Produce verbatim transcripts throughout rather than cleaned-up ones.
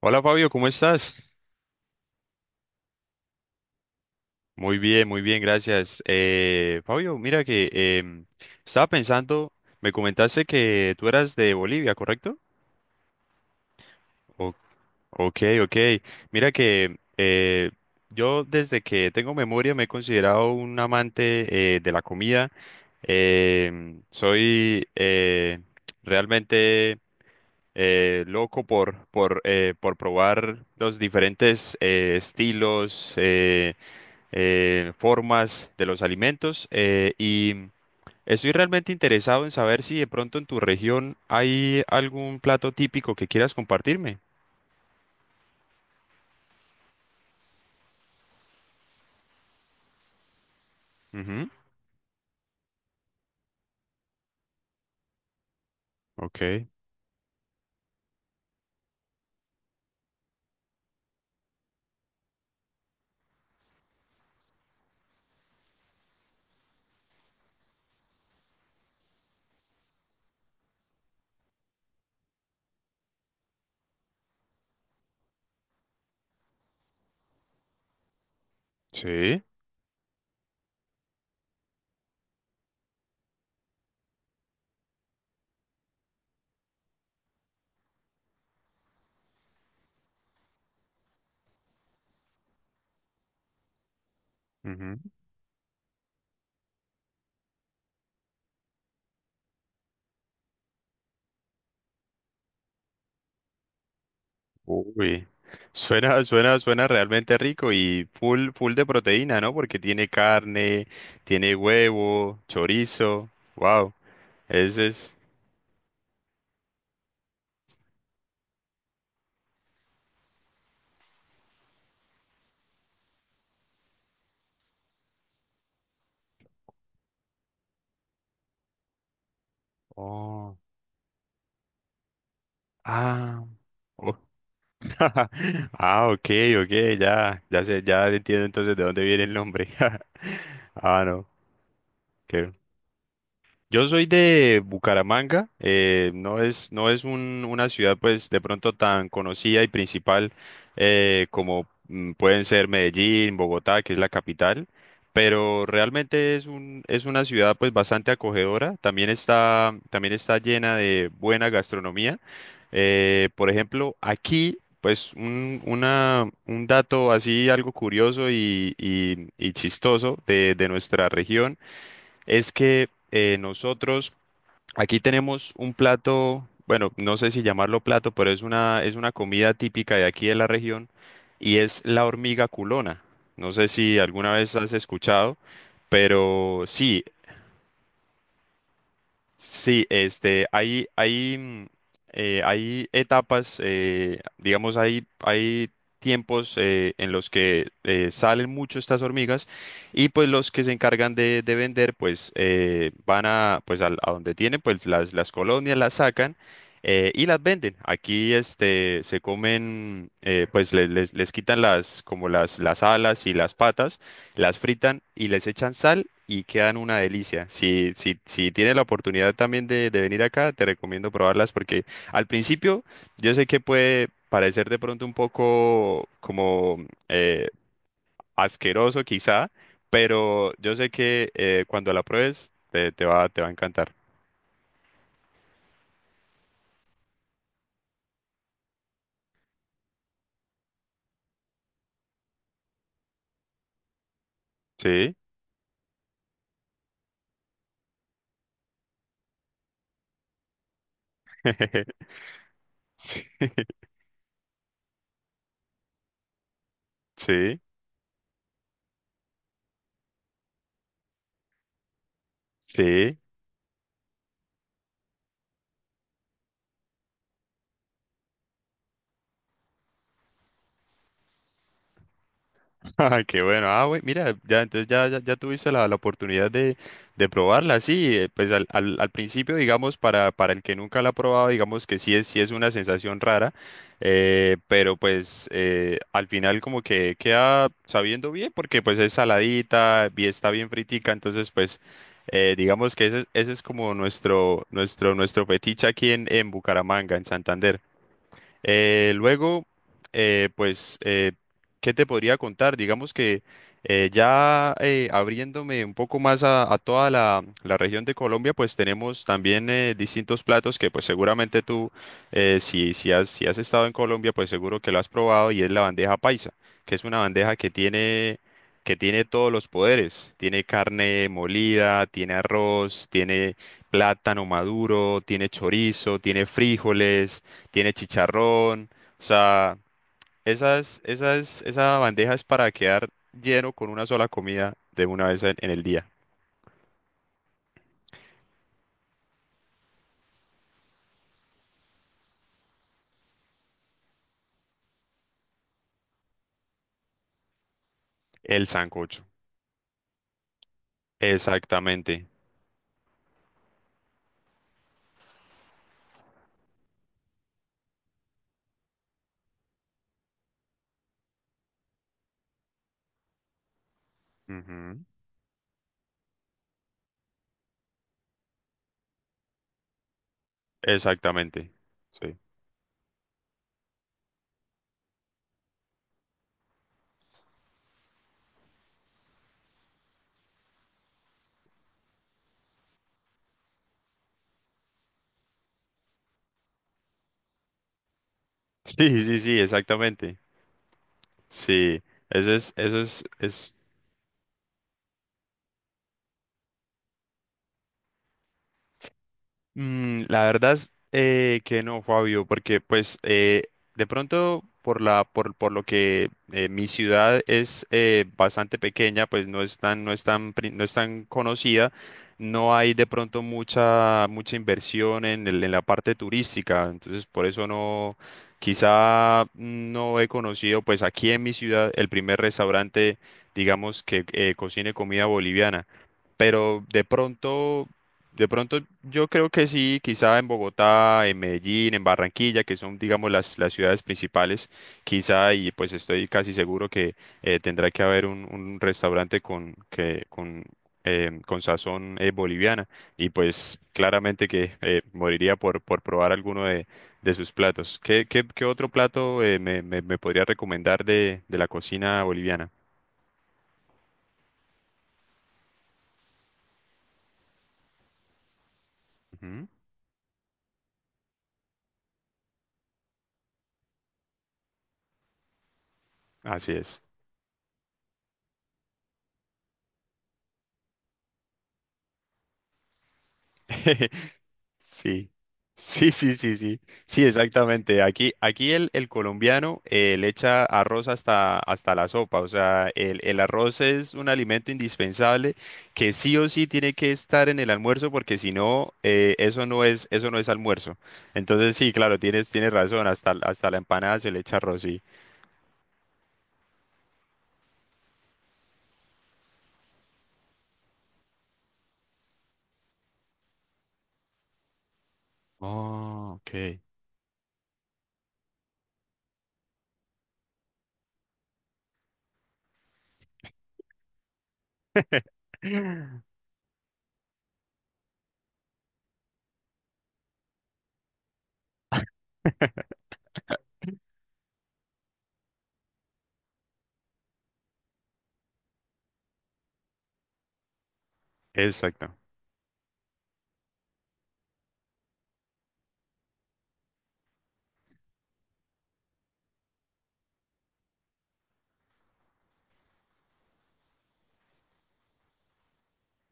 Hola Fabio, ¿cómo estás? Muy bien, muy bien, gracias. Eh, Fabio, mira que em, estaba pensando, me comentaste que tú eras de Bolivia, ¿correcto? O- ok, ok. Mira que eh, yo desde que tengo memoria me he considerado un amante eh, de la comida. Em, soy eh, realmente eh, loco por, por, eh, por probar los diferentes eh, estilos, eh, eh, formas de los alimentos eh, y estoy realmente interesado en saber si de pronto en tu región hay algún plato típico que quieras compartirme. Ujú, ok, sí. Ujú. Uy. Suena, suena, suena realmente rico y full, full de proteína, ¿no? Porque tiene carne, tiene huevo, chorizo. Wow. Ese es. Oh. Ah. Ok. Ah, ok, ok, ya, ya sé, ya entiendo entonces de dónde viene el nombre. Ah, no, yo soy de Bucaramanga, eh, no es, no es un- una ciudad pues de pronto tan conocida y principal eh, como mm, pueden ser Medellín, Bogotá, que es la capital, pero realmente es un, es una ciudad pues bastante acogedora, también está, también está llena de buena gastronomía. Eh, por ejemplo, aquí pues un, una, un dato así algo curioso y, y- y chistoso de de nuestra región es que eh, nosotros aquí tenemos un plato, bueno, no sé si llamarlo plato, pero es una, es una comida típica de aquí de la región y es la hormiga culona. No sé si alguna vez has escuchado, pero sí, sí, este, hay, hay, mm, eh, hay etapas, eh, digamos, hay, hay tiempos eh, en los que eh, salen mucho estas hormigas y pues los que se encargan de, de vender, pues eh, van a, pues al- a, donde tienen, pues las, las colonias las sacan eh, y las venden. Aquí, este, se comen, eh, pues les, les, les quitan las, como las, las alas y las patas las fritan y les echan sal y quedan una delicia. Si, si, si tienes la oportunidad también de, de venir acá, te recomiendo probarlas porque al principio yo sé que puede parecer de pronto un poco como eh, asqueroso quizá, pero yo sé que eh, cuando la pruebes te, te va, te va a encantar. Sí, sí, sí. Ah, qué bueno. Ah, güey, mira, ya entonces ya, ya, ya tuviste la, la oportunidad de, de probarla, sí. eh, Pues al, al, al principio, digamos, para, para el que nunca la ha probado, digamos que sí es, sí es una sensación rara, eh, pero pues eh, al final como que queda sabiendo bien, porque pues es saladita, bien, está bien fritica, entonces pues eh, digamos que ese, es- ese es como nuestro, nuestro, nuestro fetiche aquí en, en Bucaramanga, en Santander. Eh, luego, eh, pues, eh, ¿qué te podría contar? Digamos que eh, ya eh, abriéndome un poco más a, a toda la, la región de Colombia, pues tenemos también eh, distintos platos que pues seguramente tú, eh, si, si has, si has estado en Colombia, pues seguro que lo has probado y es la bandeja paisa, que es una bandeja que tiene, que tiene todos los poderes. Tiene carne molida, tiene arroz, tiene plátano maduro, tiene chorizo, tiene frijoles, tiene chicharrón, o sea, esas, esas, esa bandeja es para quedar lleno con una sola comida de una vez en, en el día. El sancocho. Exactamente. Ujú. Exactamente. Sí. Sí, sí, sí, exactamente. Sí, ese es, eso es, es Mm, la verdad es eh, que no, Fabio, porque pues eh, de pronto por la por, por lo que eh, mi ciudad es eh, bastante pequeña, pues no es tan no es tan pri- no es tan conocida, no hay de pronto mucha mucha inversión en el- en la parte turística, entonces por eso no quizá no he conocido pues aquí en mi ciudad el primer restaurante digamos que eh, cocine comida boliviana pero de pronto de pronto, yo creo que sí, quizá en Bogotá, en Medellín, en Barranquilla, que son, digamos, las, las ciudades principales, quizá, y pues estoy casi seguro que eh, tendrá que haber un, un restaurante con, que, con, eh, con sazón eh, boliviana, y pues claramente que eh, moriría por, por probar alguno de, de sus platos. ¿Qué, qué, qué otro plato eh, me, me, me podría recomendar de, de la cocina boliviana? Ujú. Así es. Sí, sí, sí, sí, sí, sí, exactamente. Aquí, aquí el, el colombiano eh, le echa arroz hasta, hasta la sopa, o sea, el, el arroz es un alimento indispensable que sí o sí tiene que estar en el almuerzo porque si no, eh, eso no es, eso no es almuerzo. Entonces sí, claro, tienes, tienes razón, hasta, hasta la empanada se le echa arroz, sí. Oh, ok. Exacto.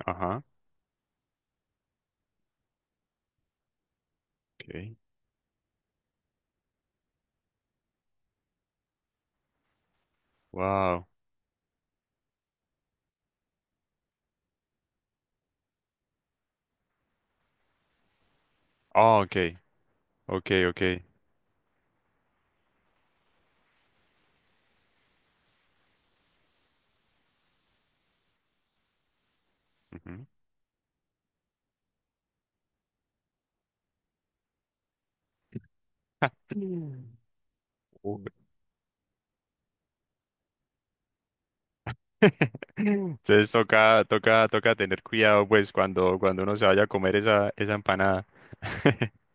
Ajá. Okay. Wow. Oh, okay. Okay, okay. Ujú. Entonces toca, toca, toca tener cuidado pues cuando, cuando uno se vaya a comer esa, esa empanada.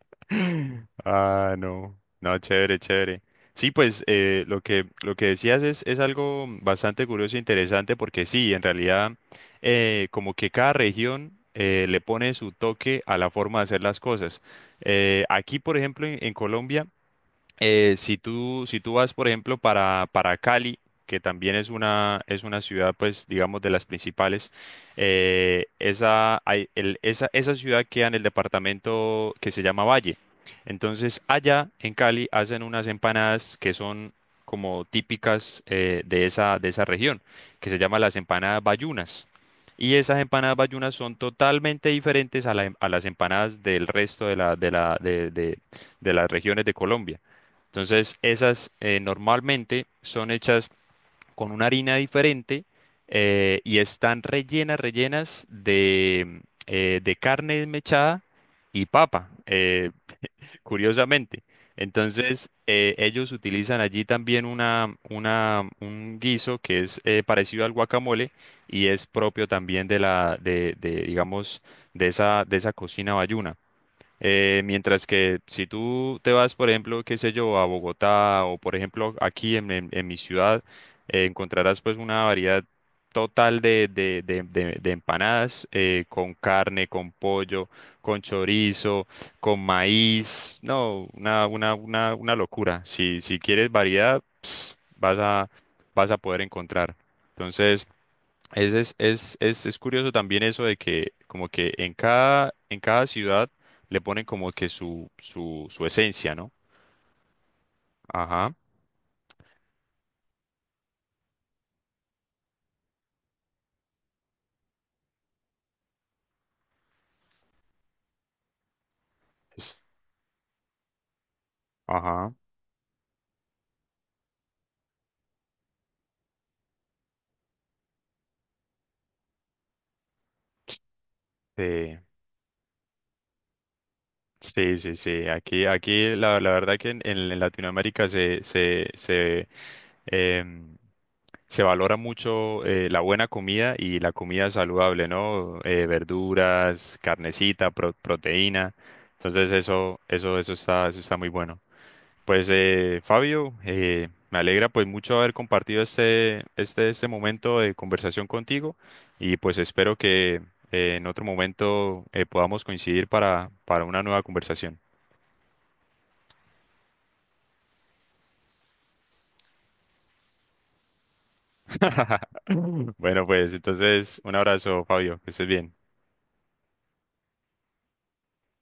Ah, no. No, chévere, chévere. Sí, pues eh, lo que, lo que decías es, es algo bastante curioso e interesante porque sí, en realidad eh, como que cada región eh, le pone su toque a la forma de hacer las cosas. Eh, aquí, por ejemplo, en en Colombia, eh, si tú, si tú vas, por ejemplo, para, para Cali, que también es una, es una ciudad, pues, digamos, de las principales, eh, esa, hay- el- esa, esa ciudad queda en el departamento que se llama Valle. Entonces, allá en Cali hacen unas empanadas que son como típicas eh, de esa, de esa región, que se llaman las empanadas bayunas. Y esas empanadas bayunas son totalmente diferentes a, la em- a las empanadas del resto de la, de la, de de- de las regiones de Colombia. Entonces, esas eh, normalmente son hechas con una harina diferente eh, y están rellenas, rellenas de, eh, de carne desmechada y papa, eh, curiosamente. Entonces, eh, ellos utilizan allí también una, una, un guiso que es eh, parecido al guacamole y es propio también de la, de, de, digamos, de esa, de esa cocina bayuna. Eh, mientras que si tú te vas, por ejemplo, qué sé yo, a Bogotá o por ejemplo aquí en, en- en mi ciudad, eh, encontrarás pues una variedad total de, de- de- de- de empanadas eh, con carne, con pollo, con chorizo, con maíz. No, una, una, una, una locura. Si, si quieres variedad, vas a, vas a poder encontrar. Entonces, es, es, es, es, es curioso también eso de que como que en cada, en cada ciudad le ponen como que su, su, su esencia, ¿no? Ajá. es- Ajá. Sí, sí, sí, sí. Aquí, aquí la, la verdad que en, en- en Latinoamérica se, se, se, em, se valora mucho eh, la buena comida y la comida saludable, ¿no? Eh, verduras, carnecita, pro- proteína. Entonces eso, eso, eso está, eso está muy bueno. Pues eh, Fabio, eh, me alegra pues mucho haber compartido este, este, este momento de conversación contigo y pues espero que eh, en otro momento eh, podamos coincidir para, para una nueva conversación. Bueno, pues entonces un abrazo, Fabio, que estés bien.